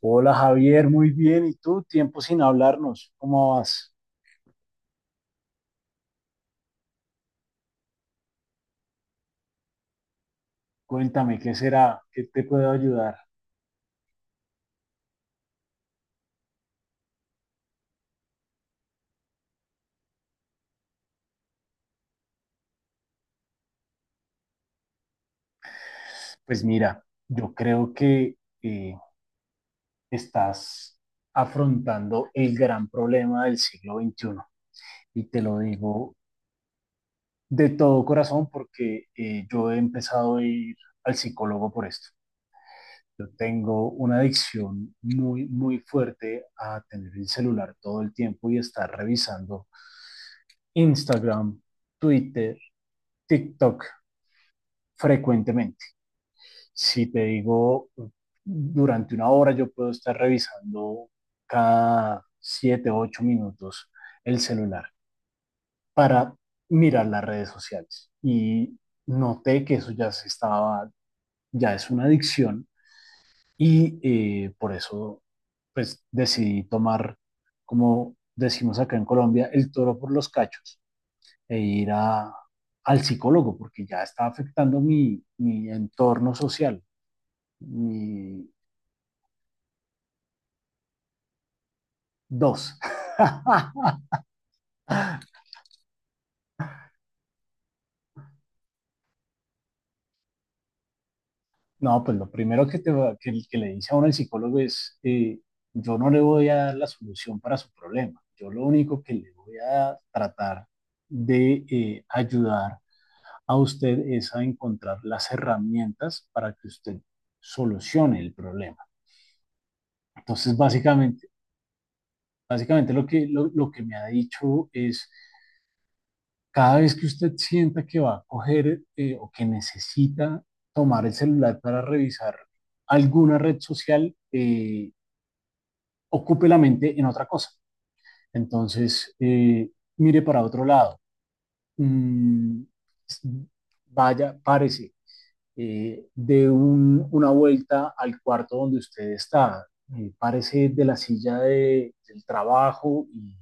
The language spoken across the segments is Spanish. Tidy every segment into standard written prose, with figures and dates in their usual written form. Hola Javier, muy bien. ¿Y tú? Tiempo sin hablarnos. ¿Cómo vas? Cuéntame, ¿qué será? ¿Qué te puedo ayudar? Pues mira, yo creo que eh, estás afrontando el gran problema del siglo XXI. Y te lo digo de todo corazón porque yo he empezado a ir al psicólogo por esto. Yo tengo una adicción muy, muy fuerte a tener el celular todo el tiempo y estar revisando Instagram, Twitter, TikTok frecuentemente. Si te digo, durante una hora yo puedo estar revisando cada 7 u 8 minutos el celular para mirar las redes sociales. Y noté que eso ya se estaba, ya es una adicción y por eso pues decidí tomar, como decimos acá en Colombia, el toro por los cachos e ir a, al psicólogo porque ya está afectando mi entorno social. Y dos. No, pues lo primero que, te, va- que le dice a uno el psicólogo es, yo no le voy a dar la solución para su problema. Yo lo único que le voy a tratar de ayudar a usted es a encontrar las herramientas para que usted solucione el problema. Entonces, básicamente, básicamente lo que me ha dicho es, cada vez que usted sienta que va a coger o que necesita tomar el celular para revisar alguna red social, ocupe la mente en otra cosa. Entonces, mire para otro lado. Mm, vaya, párese, una vuelta al cuarto donde usted está. Párese de la silla del trabajo y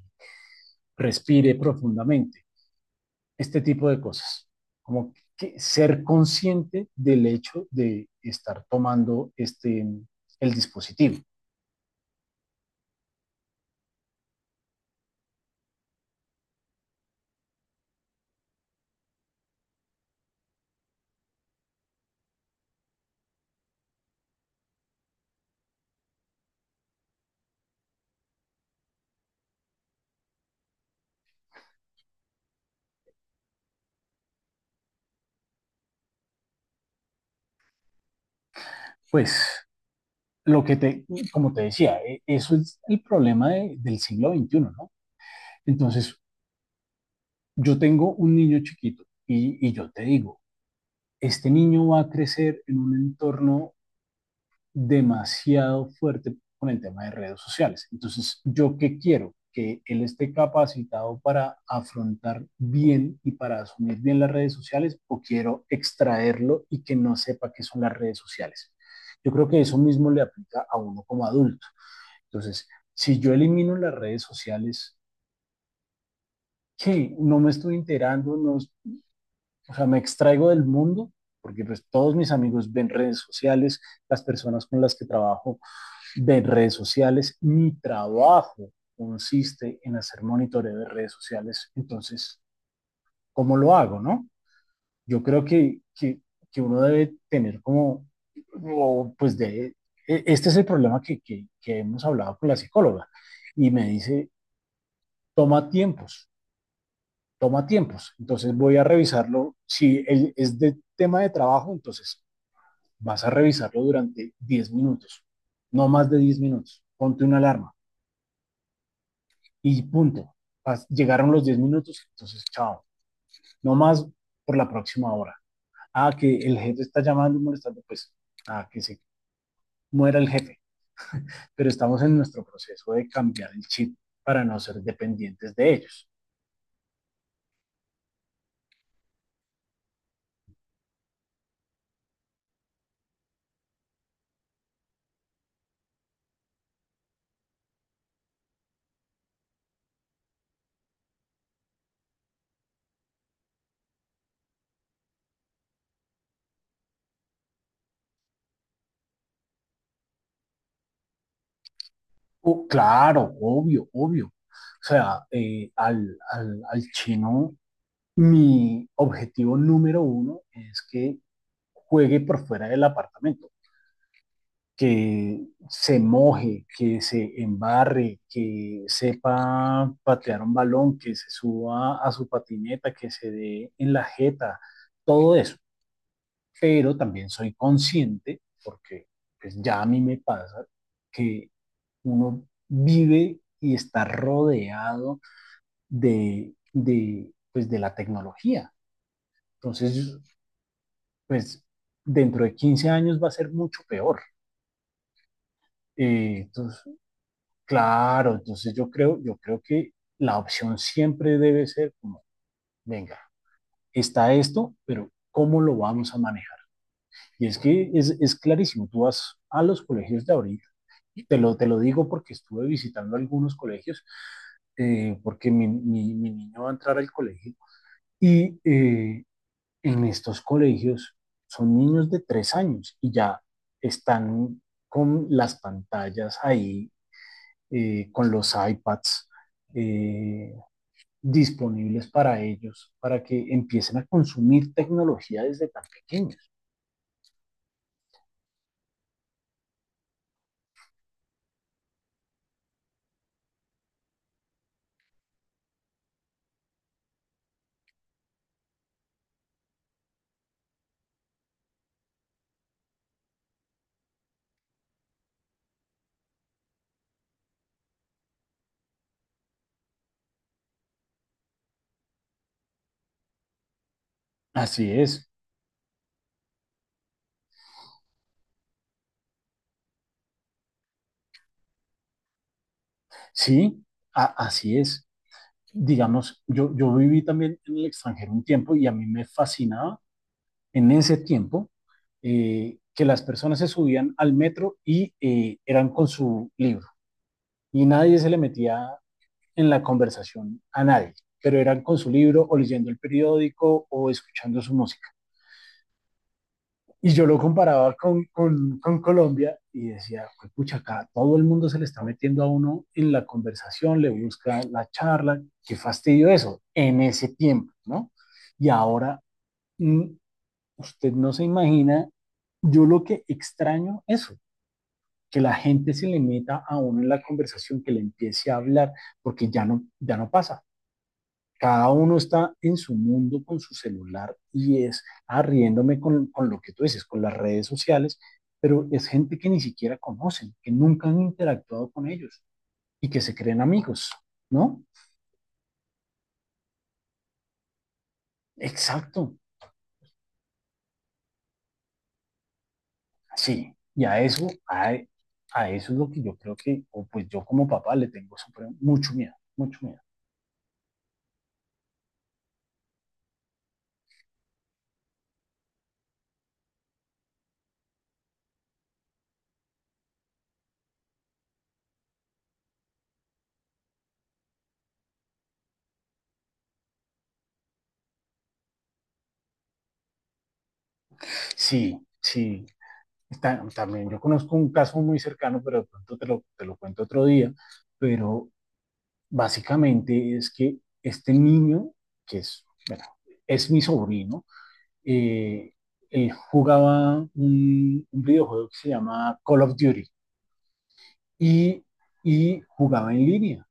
respire profundamente. Este tipo de cosas, como que ser consciente del hecho de estar tomando este, el dispositivo. Pues lo que te, como te decía, eso es el problema del siglo veintiuno, ¿no? Entonces, yo tengo un niño chiquito y yo te digo, este niño va a crecer en un entorno demasiado fuerte con el tema de redes sociales. Entonces, ¿yo qué quiero? Que él esté capacitado para afrontar bien y para asumir bien las redes sociales o quiero extraerlo y que no sepa qué son las redes sociales. Yo creo que eso mismo le aplica a uno como adulto. Entonces, si yo elimino las redes sociales, ¿qué? No me estoy enterando, no, o sea, me extraigo del mundo, porque pues todos mis amigos ven redes sociales, las personas con las que trabajo de redes sociales. Mi trabajo consiste en hacer monitoreo de redes sociales. Entonces, ¿cómo lo hago, no? Yo creo que uno debe tener como, o, pues de, e, este es el problema que hemos hablado con la psicóloga y me dice, toma tiempos, toma tiempos. Entonces voy a revisarlo. Si es de tema de trabajo, entonces vas a revisarlo durante 10 minutos, no más de 10 minutos. Ponte una alarma y punto. Llegaron los 10 minutos, entonces chao, no más por la próxima hora. Ah, que el jefe está llamando y molestando, pues, ah, que se muera el jefe. Pero estamos en nuestro proceso de cambiar el chip para no ser dependientes de ellos. Oh, claro, obvio, obvio. O sea, al chino, mi objetivo número uno es que juegue por fuera del apartamento, que se moje, que se embarre, que sepa patear un balón, que se suba a su patineta, que se dé en la jeta, todo eso. Pero también soy consciente, porque pues, ya a mí me pasa, que uno vive y está rodeado pues, de la tecnología. Entonces, pues dentro de 15 años va a ser mucho peor. Entonces, claro, entonces yo creo que la opción siempre debe ser como, venga, está esto, pero ¿cómo lo vamos a manejar? Y es que es clarísimo, tú vas a los colegios de ahorita, te lo digo porque estuve visitando algunos colegios, porque mi niño va a entrar al colegio, y en estos colegios son niños de 3 años y ya están con las pantallas ahí, con los iPads, eh, disponibles para ellos, para que empiecen a consumir tecnología desde tan pequeños. Así es, sí, así es. Digamos, yo viví también en el extranjero un tiempo y a mí me fascinaba en ese tiempo, que las personas se subían al metro y eran con su libro y nadie se le metía en la conversación a nadie, pero eran con su libro o leyendo el periódico o escuchando su música. Y yo lo comparaba con Colombia y decía, pues, pucha, acá todo el mundo se le está metiendo a uno en la conversación, le busca la charla, qué fastidio eso, en ese tiempo, ¿no? Y ahora, mm, usted no se imagina, yo lo que extraño eso, que la gente se le meta a uno en la conversación, que le empiece a hablar, porque ya no, ya no pasa. Cada uno está en su mundo con su celular y es arriéndome con lo que tú dices, con las redes sociales, pero es gente que ni siquiera conocen, que nunca han interactuado con ellos y que se creen amigos, ¿no? Exacto, sí. Y a eso, a eso es lo que yo creo que, o pues yo como papá le tengo mucho miedo, mucho miedo. Sí, sí. Está- también yo conozco un caso muy cercano, pero de pronto te lo cuento otro día, pero básicamente es que este niño, que es, bueno, es mi sobrino, eh, él jugaba un videojuego que se llama Call of Duty y, y jugaba en línea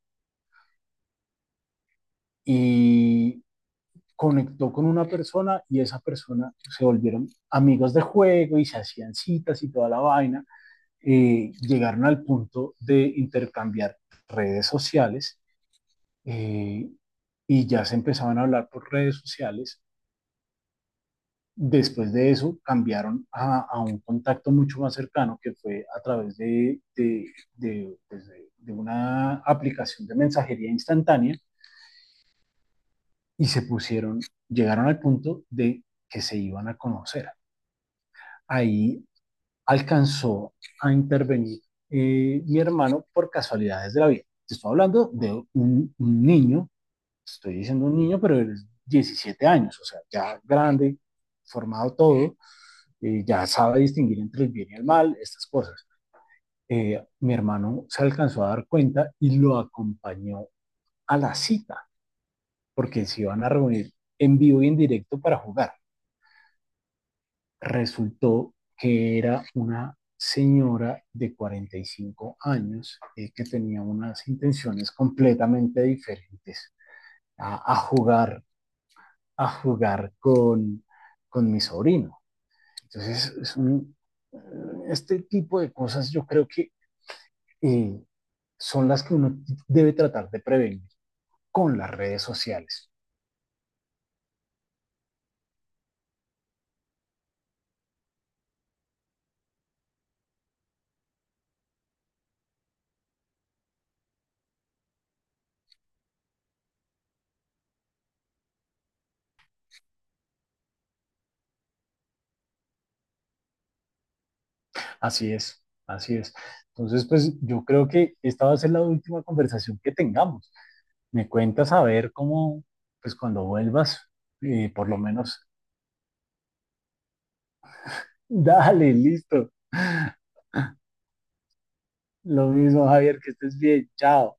y conectó con una persona y esa persona se volvieron amigos de juego y se hacían citas y toda la vaina. Llegaron al punto de intercambiar redes sociales, eh, y ya se empezaban a hablar por redes sociales. Después de eso, cambiaron a un contacto mucho más cercano que fue a través de una aplicación de mensajería instantánea y se pusieron, llegaron al punto de que se iban a conocer. Ahí alcanzó a intervenir, mi hermano por casualidades de la vida. Te estoy hablando de un niño, estoy diciendo un niño, pero él es 17 años, o sea, ya grande, formado todo, ya sabe distinguir entre el bien y el mal, estas cosas. Mi hermano se alcanzó a dar cuenta y lo acompañó a la cita, porque se iban a reunir en vivo y en directo para jugar. Resultó que era una señora de 45 años, que tenía unas intenciones completamente diferentes a, a jugar, a jugar con mi sobrino. Entonces, este tipo de cosas yo creo que eh, son las que uno debe tratar de prevenir con las redes sociales. Así es, así es. Entonces, pues yo creo que esta va a ser la última conversación que tengamos. Me cuentas a ver cómo, pues cuando vuelvas, por lo menos, dale, listo. Lo mismo, Javier, que estés bien. Chao.